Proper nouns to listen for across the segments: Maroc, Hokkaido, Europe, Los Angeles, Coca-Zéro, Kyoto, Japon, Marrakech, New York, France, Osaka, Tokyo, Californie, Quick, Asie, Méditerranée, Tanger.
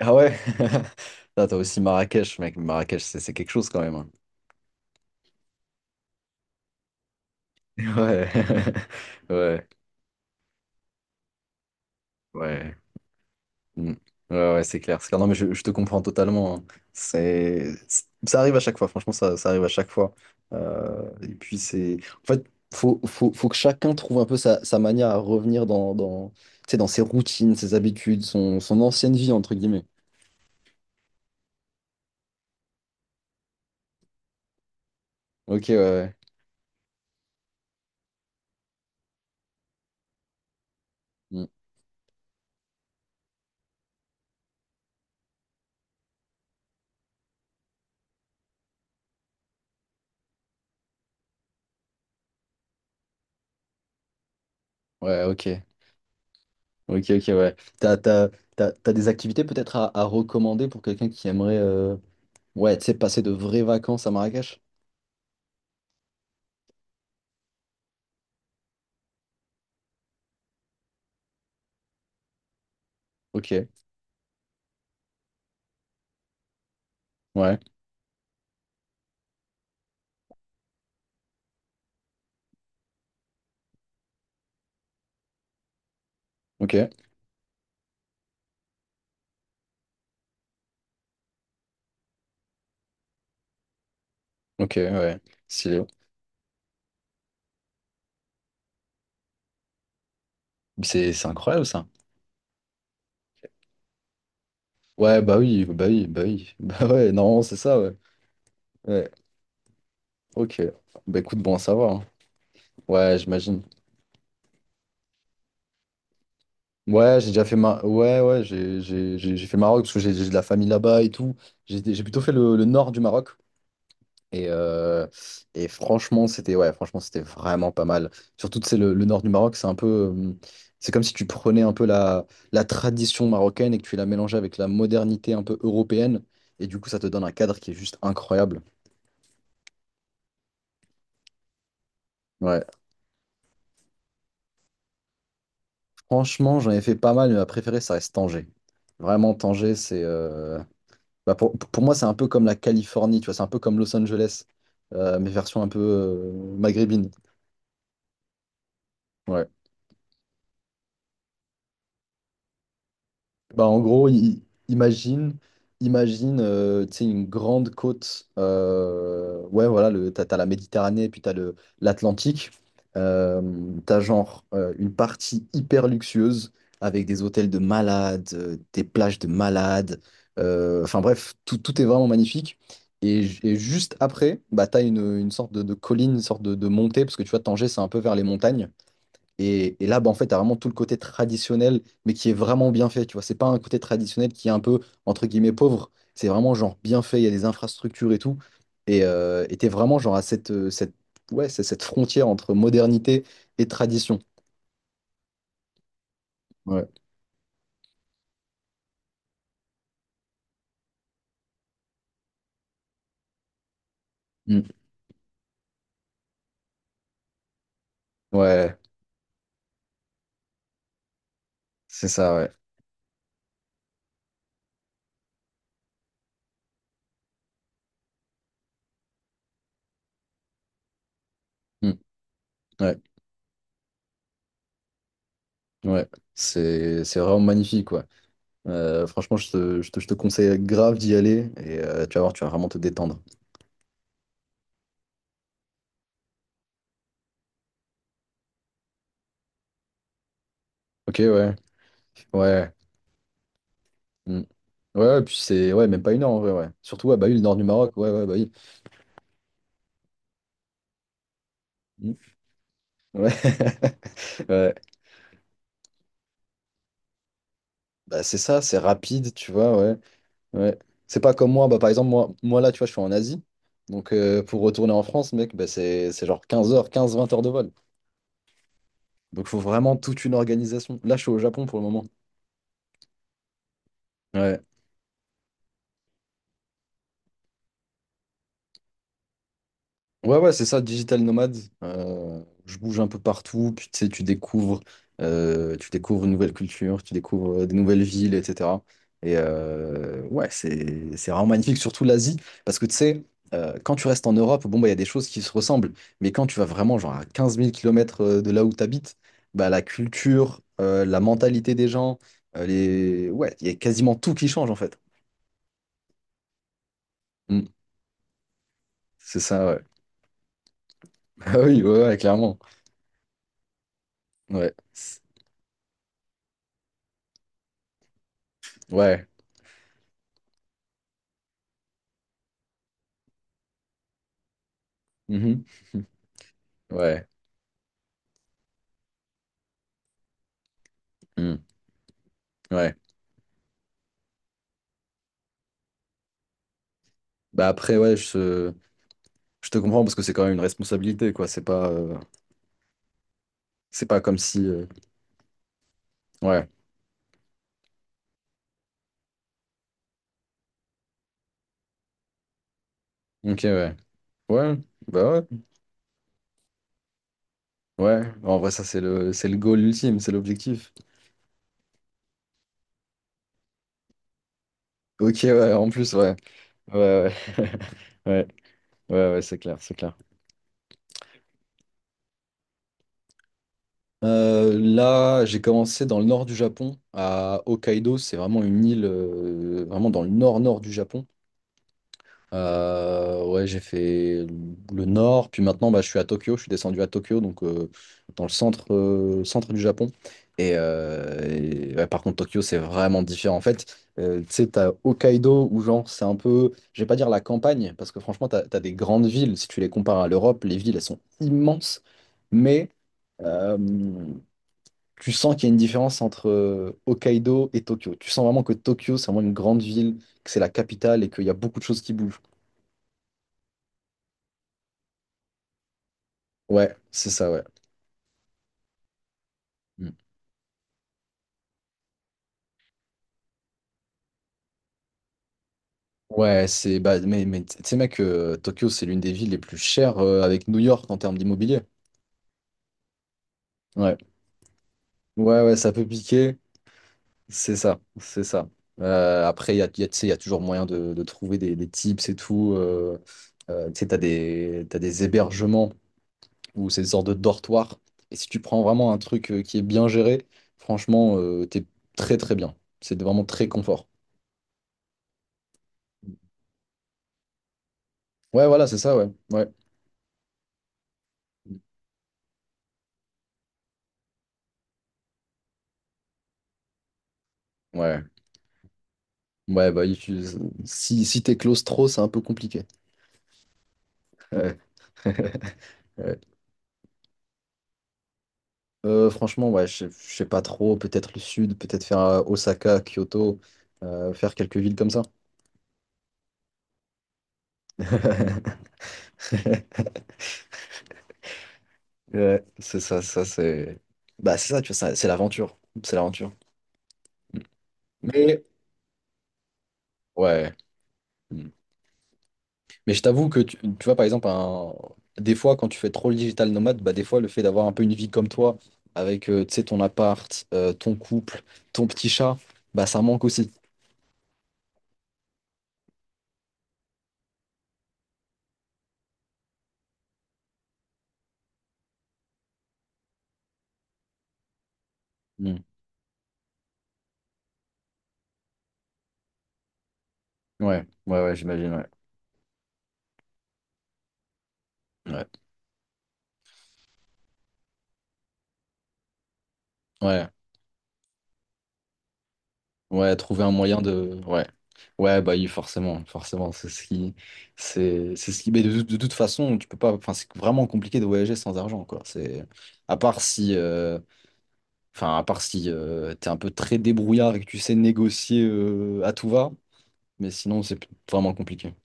Ah ouais? Ah, t'as aussi Marrakech, mec. Marrakech, c'est quelque chose quand même, hein. Ouais, ouais, ouais. Mm. Ouais, ouais, c'est clair. C'est clair. Non, mais je te comprends totalement, hein. Ça arrive à chaque fois. Franchement, ça arrive à chaque fois. Et puis en fait, faut que chacun trouve un peu sa manière à revenir tu sais, dans ses routines, ses habitudes, son ancienne vie entre guillemets. Ok, ouais, ouais. Mm. Ouais, ok. Ok, ok, ouais. T'as des activités peut-être à recommander pour quelqu'un qui aimerait, ouais, tu sais, passer de vraies vacances à Marrakech? Ok, ouais, ok, ok, ouais. Stylé. C'est incroyable ça. Ouais, bah oui, bah oui, bah oui. Bah ouais, non, c'est ça, ouais. Ouais, ok. Bah écoute, bon à savoir, hein. Ouais, j'imagine. Ouais, j'ai déjà fait ma... ouais, ouais, j'ai fait Maroc parce que j'ai de la famille là-bas et tout. J'ai plutôt fait le nord du Maroc. Et, franchement, c'était ouais, franchement, c'était vraiment pas mal. Surtout, c'est le nord du Maroc, c'est comme si tu prenais un peu la tradition marocaine et que tu la mélangeais avec la modernité un peu européenne. Et du coup, ça te donne un cadre qui est juste incroyable. Ouais, franchement, j'en ai fait pas mal, mais ma préférée, ça reste Tanger. Vraiment, Tanger, bah, pour moi, c'est un peu comme la Californie, tu vois, c'est un peu comme Los Angeles, mais version un peu maghrébine. Ouais. Bah, en gros, imagine, imagine tu sais, une grande côte. Ouais, voilà, t'as la Méditerranée et puis t'as l'Atlantique. Euh, T'as genre une partie hyper luxueuse avec des hôtels de malades, des plages de malades. Enfin bref, tout est vraiment magnifique. Et juste après, bah, t'as une sorte de colline, une sorte de montée, parce que tu vois, Tanger, c'est un peu vers les montagnes. Et là, bah, en fait, tu as vraiment tout le côté traditionnel, mais qui est vraiment bien fait, tu vois. C'est pas un côté traditionnel qui est un peu, entre guillemets, pauvre. C'est vraiment, genre, bien fait, il y a des infrastructures et tout. Et t'es vraiment, genre, ouais, c'est cette frontière entre modernité et tradition. Ouais. Mm. Ouais, c'est ça, ouais. Mm. Ouais, ouais. C'est vraiment magnifique, quoi. Franchement, je te conseille grave d'y aller et tu vas voir, tu vas vraiment te détendre. Ok, ouais. Ouais. Mm. Ouais, ouais, puis c'est ouais, même pas une heure en vrai, ouais. Surtout ouais, bah oui, le nord du Maroc, ouais, ouais, bah oui. Mm. Ouais. Ouais. Bah c'est ça, c'est rapide, tu vois, ouais. Ouais. C'est pas comme moi, bah par exemple, moi là, tu vois, je suis en Asie. Donc pour retourner en France, mec, bah, c'est genre 15 heures, 15-20 heures de vol. Donc faut vraiment toute une organisation. Là, je suis au Japon pour le moment. Ouais. Ouais, ouais, c'est ça, digital nomade. Je bouge un peu partout, puis tu sais, tu découvres une nouvelle culture, tu découvres des nouvelles villes, etc. Et ouais, c'est vraiment magnifique, surtout l'Asie, parce que tu sais, quand tu restes en Europe, bon, bah, il y a des choses qui se ressemblent, mais quand tu vas vraiment genre à 15 000 km de là où tu habites, bah, la culture, la mentalité des gens, ouais, il y a quasiment tout qui change en fait. Mm. C'est ça, ouais. Ah oui, ouais, ouais, clairement. Ouais. Ouais. Ouais, hmm, ouais. Bah après, ouais, je te comprends parce que c'est quand même une responsabilité, quoi. C'est pas comme si. Ouais, ok, ouais. Ouais, bah ouais. Ouais, en vrai, ça, c'est le goal ultime, c'est l'objectif. Ok, ouais, en plus, ouais. Ouais, ouais. Ouais, ouais, ouais, c'est clair, c'est clair. Là, j'ai commencé dans le nord du Japon, à Hokkaido. C'est vraiment une île, vraiment dans le nord-nord du Japon. Ouais, j'ai fait le nord, puis maintenant bah, je suis à Tokyo, je suis descendu à Tokyo, donc dans le centre, centre du Japon. Et, ouais, par contre, Tokyo, c'est vraiment différent. En fait, tu sais, t'as Hokkaido, où genre, c'est un peu, je vais pas dire la campagne, parce que franchement, t'as des grandes villes, si tu les compares à l'Europe, les villes, elles sont immenses, mais euh, tu sens qu'il y a une différence entre Hokkaido et Tokyo. Tu sens vraiment que Tokyo, c'est vraiment une grande ville, que c'est la capitale et qu'il y a beaucoup de choses qui bougent. Ouais, c'est ça, ouais. Mm. Ouais, c'est bah, mais tu sais mec, Tokyo c'est l'une des villes les plus chères avec New York en termes d'immobilier. Ouais. Ouais, ouais, ça peut piquer, c'est ça, c'est ça. Après, tu sais, il y a toujours moyen de trouver des tips et tout. Tu sais, t'as des hébergements ou ces sortes de dortoirs. Et si tu prends vraiment un truc qui est bien géré, franchement, t'es très très bien. C'est vraiment très confort. Ouais, voilà, c'est ça, ouais. Ouais. Ouais. Ouais, bah, si t'es close trop, c'est un peu compliqué. Ouais. Ouais. Franchement, ouais, je sais pas trop. Peut-être le sud, peut-être faire Osaka, Kyoto, faire quelques villes comme ça. Ouais, c'est ça, ça, c'est. Bah, c'est ça, tu vois, c'est l'aventure. C'est l'aventure. Mais, ouais. Mm. Mais je t'avoue que, tu vois, par exemple, des fois, quand tu fais trop le digital nomade, bah, des fois, le fait d'avoir un peu une vie comme toi, avec, tu sais, ton appart, ton couple, ton petit chat, bah, ça manque aussi. Mm. Ouais, ouais, ouais, j'imagine, ouais. Ouais, ouais, ouais, trouver un moyen de. Ouais, ouais, bah oui, forcément, forcément, c'est ce qui. C'est ce qui. Mais de toute façon, tu peux pas. Enfin, c'est vraiment compliqué de voyager sans argent, quoi. À part si... Enfin, à part si t'es un peu très débrouillard et que tu sais négocier à tout va, mais sinon, c'est vraiment compliqué.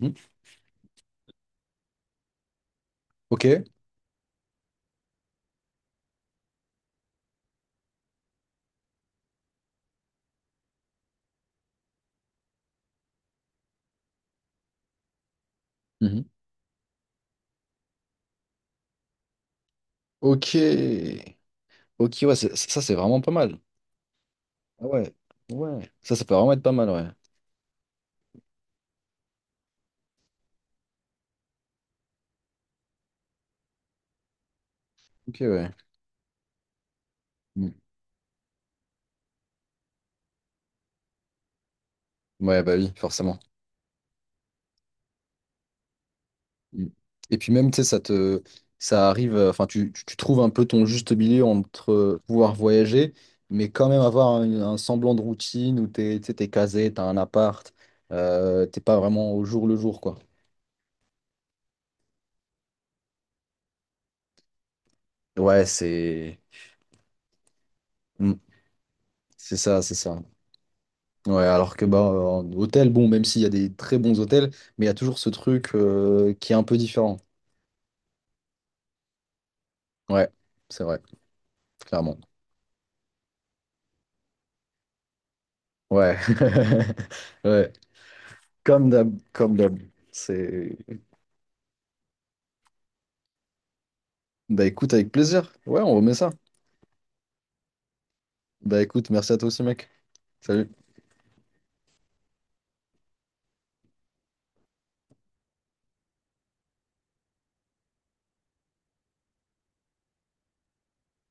Mhm. Ok. Mhm. Ok. Ok, ouais, ça, c'est vraiment pas mal. Ah ouais, ouais. Ça peut vraiment être pas mal, ouais. Ok, ouais. Mmh. Ouais, bah oui, forcément. Mm. Et puis même, tu sais, ça arrive, enfin, tu trouves un peu ton juste milieu entre pouvoir voyager, mais quand même avoir un semblant de routine où tu sais, t'es casé, t'as un appart, t'es pas vraiment au jour le jour, quoi. Ouais, Mm. C'est ça, c'est ça. Ouais, alors que bah, en hôtel, bon, même s'il y a des très bons hôtels, mais il y a toujours ce truc qui est un peu différent. Ouais, c'est vrai, clairement. Ouais, ouais. Comme d'hab, comme d'hab. C'est... Bah écoute, avec plaisir. Ouais, on remet ça. Bah écoute, merci à toi aussi, mec. Salut.